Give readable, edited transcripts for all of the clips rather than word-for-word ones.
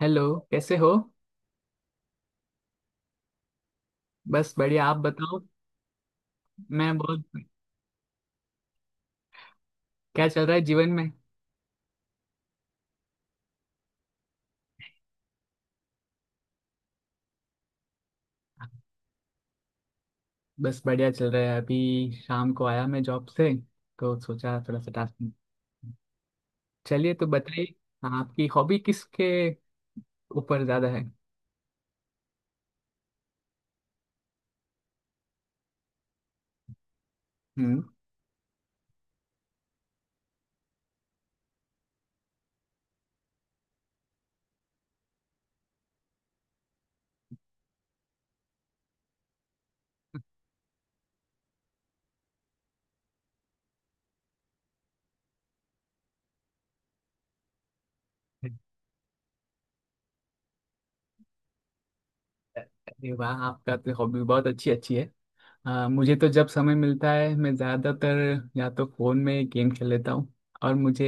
Hello. कैसे हो? बस बढ़िया, आप बताओ। मैं बहुत। क्या चल रहा है जीवन में? बस बढ़िया चल रहा है, अभी शाम को आया मैं जॉब से, तो सोचा थोड़ा सा टास्क। चलिए, तो बताइए। आपकी हॉबी किसके ऊपर ज्यादा है? हम्म। अरे वाह, आपका तो हॉबी बहुत अच्छी अच्छी है। मुझे तो जब समय मिलता है मैं ज़्यादातर या तो फ़ोन में गेम खेल लेता हूँ। और मुझे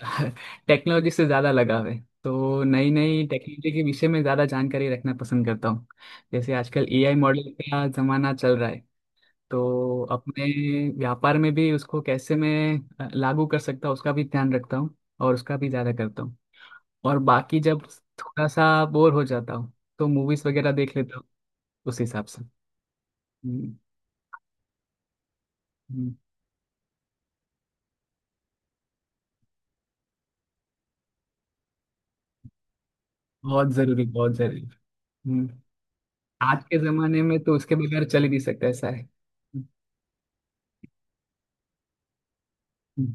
टेक्नोलॉजी से ज़्यादा लगाव है, तो नई नई टेक्नोलॉजी के विषय में ज़्यादा जानकारी रखना पसंद करता हूँ। जैसे आजकल AI मॉडल का ज़माना चल रहा है, तो अपने व्यापार में भी उसको कैसे मैं लागू कर सकता हूँ उसका भी ध्यान रखता हूँ, और उसका भी ज़्यादा करता हूँ। और बाकी जब थोड़ा सा बोर हो जाता हूँ तो मूवीज़ वगैरह देख लेता हूँ, उस हिसाब से। हम्म, हम्म, बहुत ज़रूरी बहुत ज़रूरी। हम्म, आज के ज़माने में तो उसके बगैर चल ही नहीं सकता, ऐसा है। हम्म।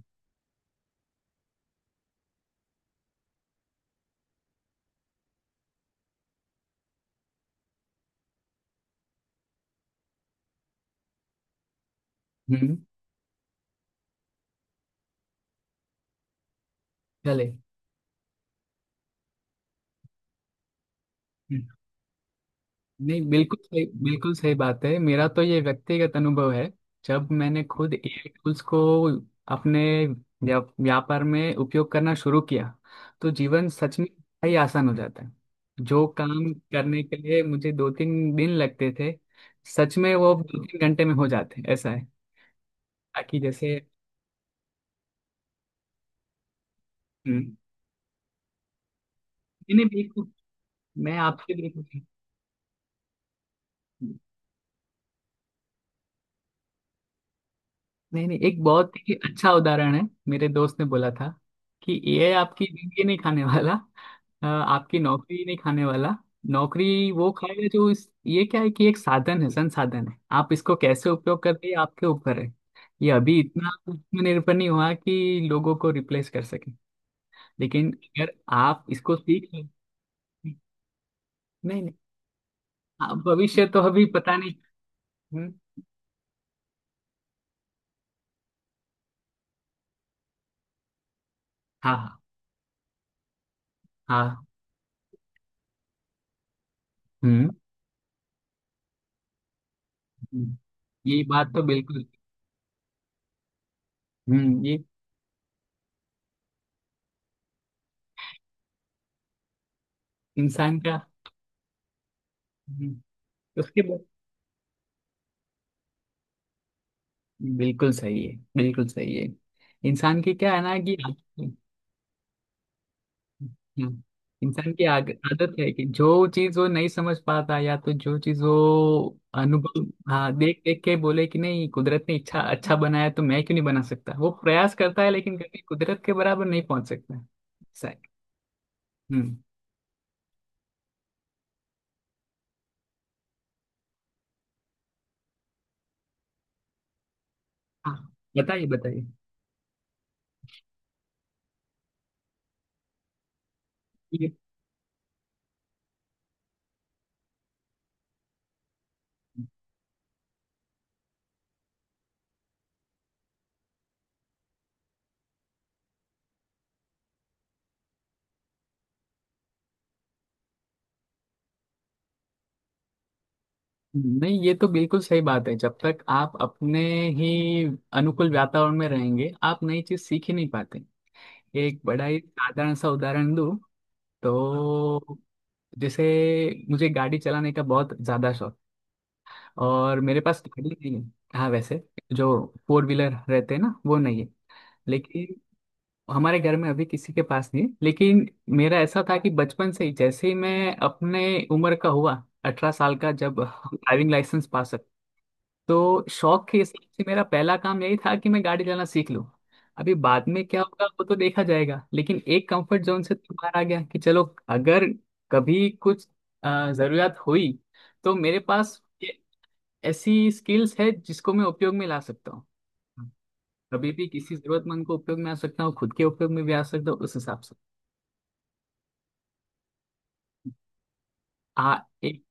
हम्म, चले। नहीं, बिल्कुल सही बिल्कुल सही बात है, मेरा तो ये व्यक्तिगत अनुभव है। जब मैंने खुद AI टूल्स को अपने व्यापार में उपयोग करना शुरू किया तो जीवन सच में बड़ा ही आसान हो जाता है। जो काम करने के लिए मुझे दो तीन दिन लगते थे सच में वो दो तीन घंटे में हो जाते हैं, ऐसा है ताकि जैसे। हम्म, नहीं नहीं, बिल्कुल, मैं आपके बिल्कुल। नहीं नहीं, एक बहुत ही अच्छा उदाहरण है। मेरे दोस्त ने बोला था कि AI आपकी जिंदगी नहीं खाने वाला, आपकी नौकरी नहीं खाने वाला। नौकरी वो खाएगा जो इस ये क्या है, कि एक साधन है, संसाधन है, आप इसको कैसे उपयोग करते हैं ये आपके ऊपर है। ये अभी इतना उसमें निर्भर नहीं हुआ कि लोगों को रिप्लेस कर सके, लेकिन अगर आप इसको सीख लें। नहीं नहीं, आप भविष्य तो अभी पता नहीं। हम्म, हाँ हाँ। हाँ। हम्म हम्म। ये बात तो बिल्कुल। हम्म, ये इंसान का। हम्म, उसके बाद बिल्कुल सही है बिल्कुल सही है। इंसान की क्या है ना कि। हम्म, हम्म। इंसान की आदत है कि जो चीज वो नहीं समझ पाता, या तो जो चीज वो अनुभव, हाँ, देख देख के बोले कि नहीं कुदरत ने इच्छा अच्छा बनाया, तो मैं क्यों नहीं बना सकता, वो प्रयास करता है लेकिन कभी कुदरत के बराबर नहीं पहुंच सकता। सही। हम्म। हाँ, बताइए बताइए। नहीं ये तो बिल्कुल सही बात है, जब तक आप अपने ही अनुकूल वातावरण में रहेंगे आप नई चीज सीख ही नहीं पाते। एक बड़ा ही साधारण सा उदाहरण दूं, तो जैसे मुझे गाड़ी चलाने का बहुत ज्यादा शौक और मेरे पास गाड़ी नहीं है। हाँ, वैसे जो फोर व्हीलर रहते हैं ना वो नहीं है, लेकिन हमारे घर में अभी किसी के पास नहीं है। लेकिन मेरा ऐसा था कि बचपन से ही, जैसे ही मैं अपने उम्र का हुआ, 18 साल का, जब ड्राइविंग लाइसेंस पास, तो शौक के हिसाब से मेरा पहला काम यही था कि मैं गाड़ी चलाना सीख लूं। अभी बाद में क्या होगा वो तो देखा जाएगा, लेकिन एक कंफर्ट जोन से तो बाहर आ गया कि चलो, अगर कभी कुछ जरूरत हुई तो मेरे पास ये ऐसी स्किल्स है जिसको मैं उपयोग में ला सकता हूँ, कभी भी किसी जरूरतमंद को उपयोग में आ सकता हूँ, खुद के उपयोग में भी आ सकता हूँ, उस हिसाब से। आ। एक।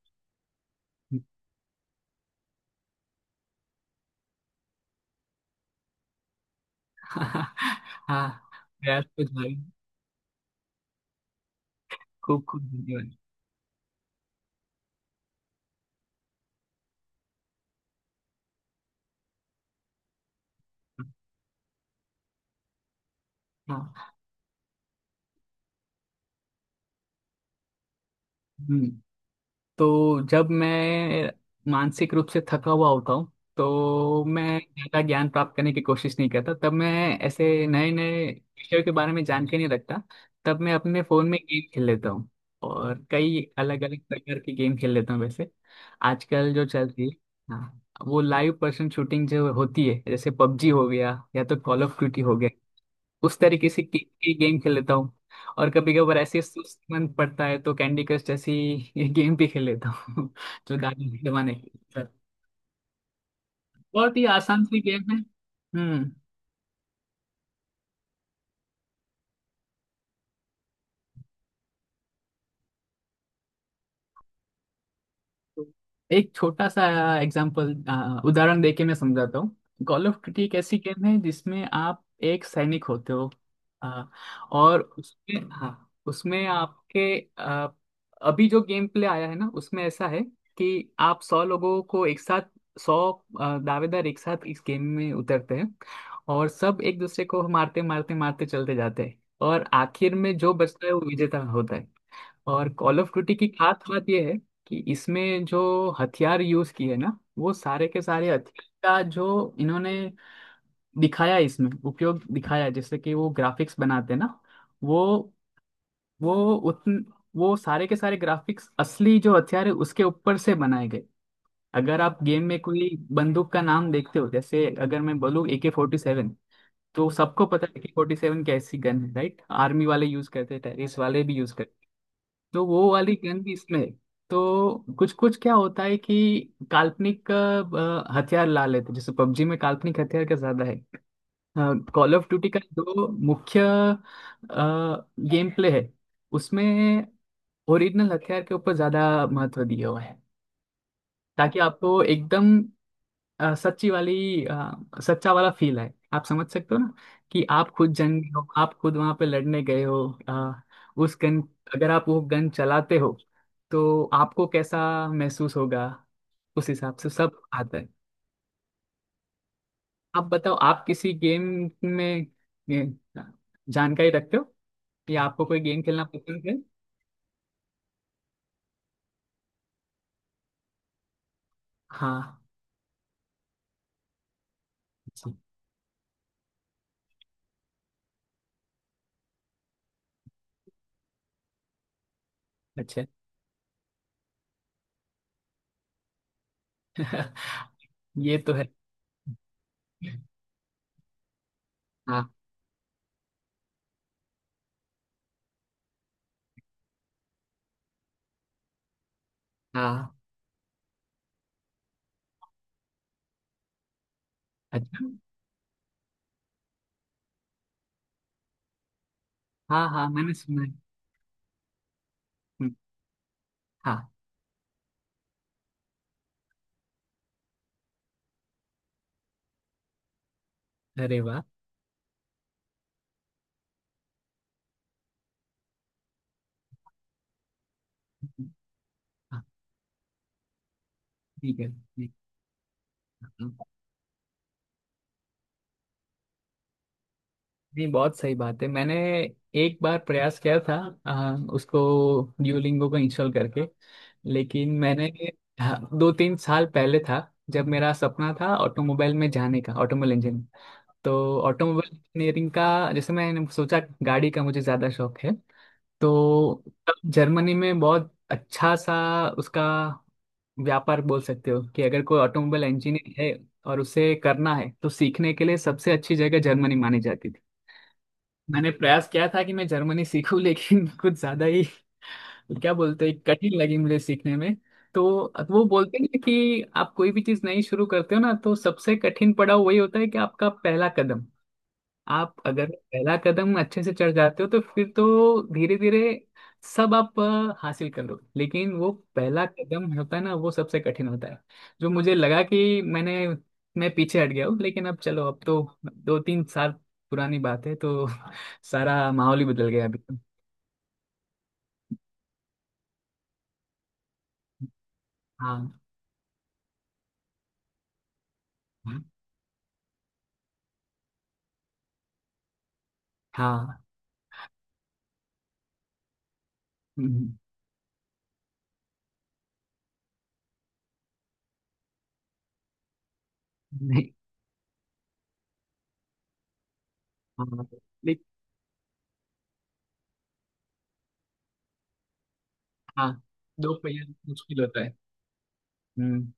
हाँ। प्रयास कुछ भाई, खूब खूब धन्यवाद। हाँ। हम्म। तो जब मैं मानसिक रूप से थका हुआ होता हूँ, तो मैं ज्यादा ज्ञान प्राप्त करने की कोशिश नहीं करता, तब मैं ऐसे नए नए विषयों के बारे में जानकारी नहीं रखता, तब मैं अपने फोन में गेम खेल लेता हूँ। और कई अलग अलग प्रकार की गेम खेल लेता हूँ वैसे। आजकल जो चलती है, हाँ, वो लाइव पर्सन शूटिंग जो होती है, जैसे पबजी हो गया या तो कॉल ऑफ ड्यूटी हो गया, उस तरीके से के गेम खेल लेता हूँ। और कभी कभार ऐसे सुस्त मन पड़ता है तो कैंडी क्रश जैसी ये गेम भी खेल लेता हूँ जो दादी के जमाने की बहुत ही आसान सी गेम है। हम्म। एक छोटा सा एग्जाम्पल, उदाहरण देके मैं समझाता हूँ। कॉल ऑफ ड्यूटी एक ऐसी गेम है जिसमें आप एक सैनिक होते हो, अ, और उसमें, हाँ, उसमें आपके अ, अभी जो गेम प्ले आया है ना उसमें ऐसा है कि आप 100 लोगों को एक साथ, 100 दावेदार एक साथ इस गेम में उतरते हैं, और सब एक दूसरे को मारते मारते मारते चलते जाते हैं, और आखिर में जो बचता है वो विजेता होता है। और कॉल ऑफ ड्यूटी की खास बात यह है कि इसमें जो हथियार यूज किए ना वो सारे के सारे हथियार का, जो इन्होंने दिखाया है इसमें उपयोग दिखाया है, जैसे कि वो ग्राफिक्स बनाते हैं ना, वो वो उतन वो सारे के सारे ग्राफिक्स असली जो हथियार है उसके ऊपर से बनाए गए। अगर आप गेम में कोई बंदूक का नाम देखते हो, जैसे अगर मैं बोलूँ AK-47, तो सबको पता है AK-47 कैसी गन है, राइट, आर्मी वाले यूज करते हैं, टेररिस्ट वाले भी यूज, तो वो वाली गन भी इसमें है। तो कुछ कुछ क्या होता है कि काल्पनिक हथियार ला लेते हैं। जैसे पबजी में काल्पनिक हथियार का ज्यादा है, कॉल ऑफ ड्यूटी का जो मुख्य गेम प्ले है उसमें ओरिजिनल हथियार के ऊपर ज्यादा महत्व दिया हुआ है, ताकि आपको एकदम सच्ची वाली सच्चा वाला फील है, आप समझ सकते हो ना कि आप खुद जंगी हो, आप खुद वहां पे लड़ने गए हो, अ, उस गन, अगर आप वो गन चलाते हो तो आपको कैसा महसूस होगा, उस हिसाब से सब आता है। आप बताओ, आप किसी गेम में ये, जानकारी रखते हो, या आपको कोई गेम खेलना पसंद है? हाँ। जी। अच्छा। ये तो है। हाँ हाँ। अच्छा। हाँ हाँ, मैंने सुना है। हम्म, हाँ। अरे वाह। ठीक है ठीक है। नहीं बहुत सही बात है, मैंने एक बार प्रयास किया था उसको ड्यूलिंगो को इंस्टॉल करके, लेकिन मैंने, हाँ, दो तीन साल पहले था, जब मेरा सपना था ऑटोमोबाइल में जाने का, ऑटोमोबाइल इंजीनियर। तो ऑटोमोबाइल इंजीनियरिंग का, जैसे मैंने सोचा गाड़ी का मुझे ज़्यादा शौक है, तो जर्मनी में बहुत अच्छा सा उसका व्यापार, बोल सकते हो कि अगर कोई ऑटोमोबाइल इंजीनियर है और उसे करना है तो सीखने के लिए सबसे अच्छी जगह जर्मनी मानी जाती थी। मैंने प्रयास किया था कि मैं जर्मनी सीखूं लेकिन कुछ ज्यादा ही, क्या बोलते हैं, कठिन लगी मुझे सीखने में। तो वो बोलते हैं कि आप कोई भी चीज नई शुरू करते हो ना तो सबसे कठिन पड़ाव वही होता है कि आपका पहला कदम। आप अगर पहला कदम अच्छे से चढ़ जाते हो तो फिर तो धीरे धीरे सब आप हासिल कर लो, लेकिन वो पहला कदम होता है ना वो सबसे कठिन होता है। जो मुझे लगा कि मैंने, मैं पीछे हट गया हूँ, लेकिन अब चलो अब तो दो तीन साल पुरानी बात है, तो सारा माहौल ही बदल गया अभी तो। हाँ हाँ। हम्म, नहीं। हाँ। लेकिन, हाँ, दो पहिया मुश्किल होता है। हम्म।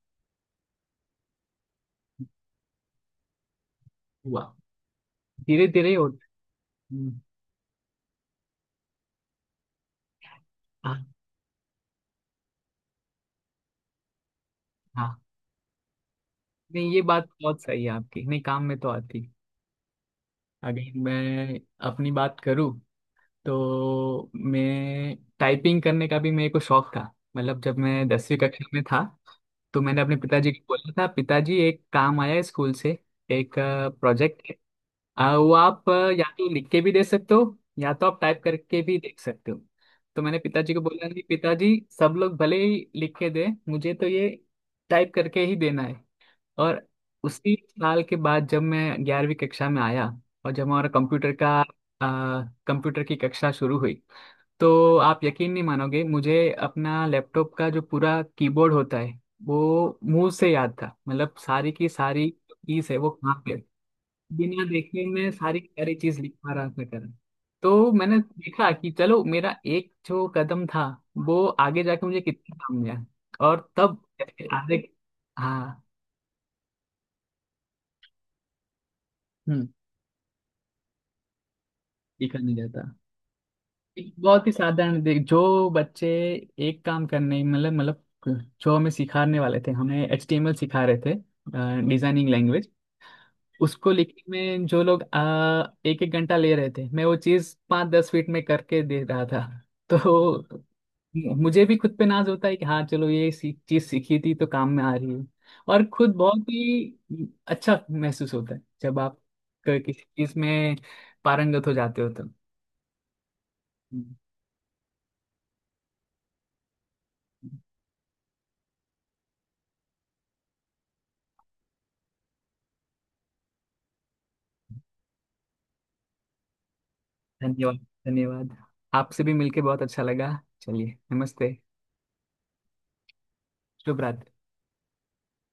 हुआ, धीरे धीरे होता है। हम्म, हाँ हाँ। नहीं ये बात बहुत सही है आपकी, नहीं काम में तो आती। अगर मैं अपनी बात करूँ तो मैं टाइपिंग करने का भी मेरे को शौक था, मतलब जब मैं 10वीं कक्षा में था तो मैंने अपने पिताजी को बोला था, पिताजी एक काम आया है स्कूल से, एक प्रोजेक्ट है, वो आप या तो लिख के भी दे सकते हो या तो आप टाइप करके भी देख सकते हो। तो मैंने पिताजी को बोला, नहीं पिताजी, सब लोग भले ही लिख के दे, मुझे तो ये टाइप करके ही देना है। और उसी साल के बाद जब मैं 11वीं कक्षा में आया, और जब हमारा कंप्यूटर का कंप्यूटर की कक्षा शुरू हुई, तो आप यकीन नहीं मानोगे, मुझे अपना लैपटॉप का जो पूरा कीबोर्ड होता है वो मुंह से याद था, मतलब सारी की सारी कीज है वो कहाँ पे है। बिना देखे मैं सारी की सारी चीज लिख पा रहा था कर। तो मैंने देखा कि चलो मेरा एक जो कदम था वो आगे जाके मुझे कितना काम गया। और तब आगे, हाँ। हम्म। देखा नहीं जाता। एक बहुत ही साधारण देख, जो बच्चे एक काम करने मतलब, जो हमें सिखाने वाले थे, हमें HTML सिखा रहे थे, डिजाइनिंग लैंग्वेज, उसको लिखने में जो लोग एक एक घंटा ले रहे थे मैं वो चीज पाँच दस मिनट में करके दे रहा था। तो मुझे भी खुद पे नाज होता है कि हाँ चलो ये चीज सीखी थी तो काम में आ रही है। और खुद बहुत ही अच्छा महसूस होता है जब आप किसी चीज में पारंगत हो जाते हो, तो। हम्म। धन्यवाद, धन्यवाद, आपसे भी मिलके बहुत अच्छा लगा, चलिए, नमस्ते, शुभ रात्रि।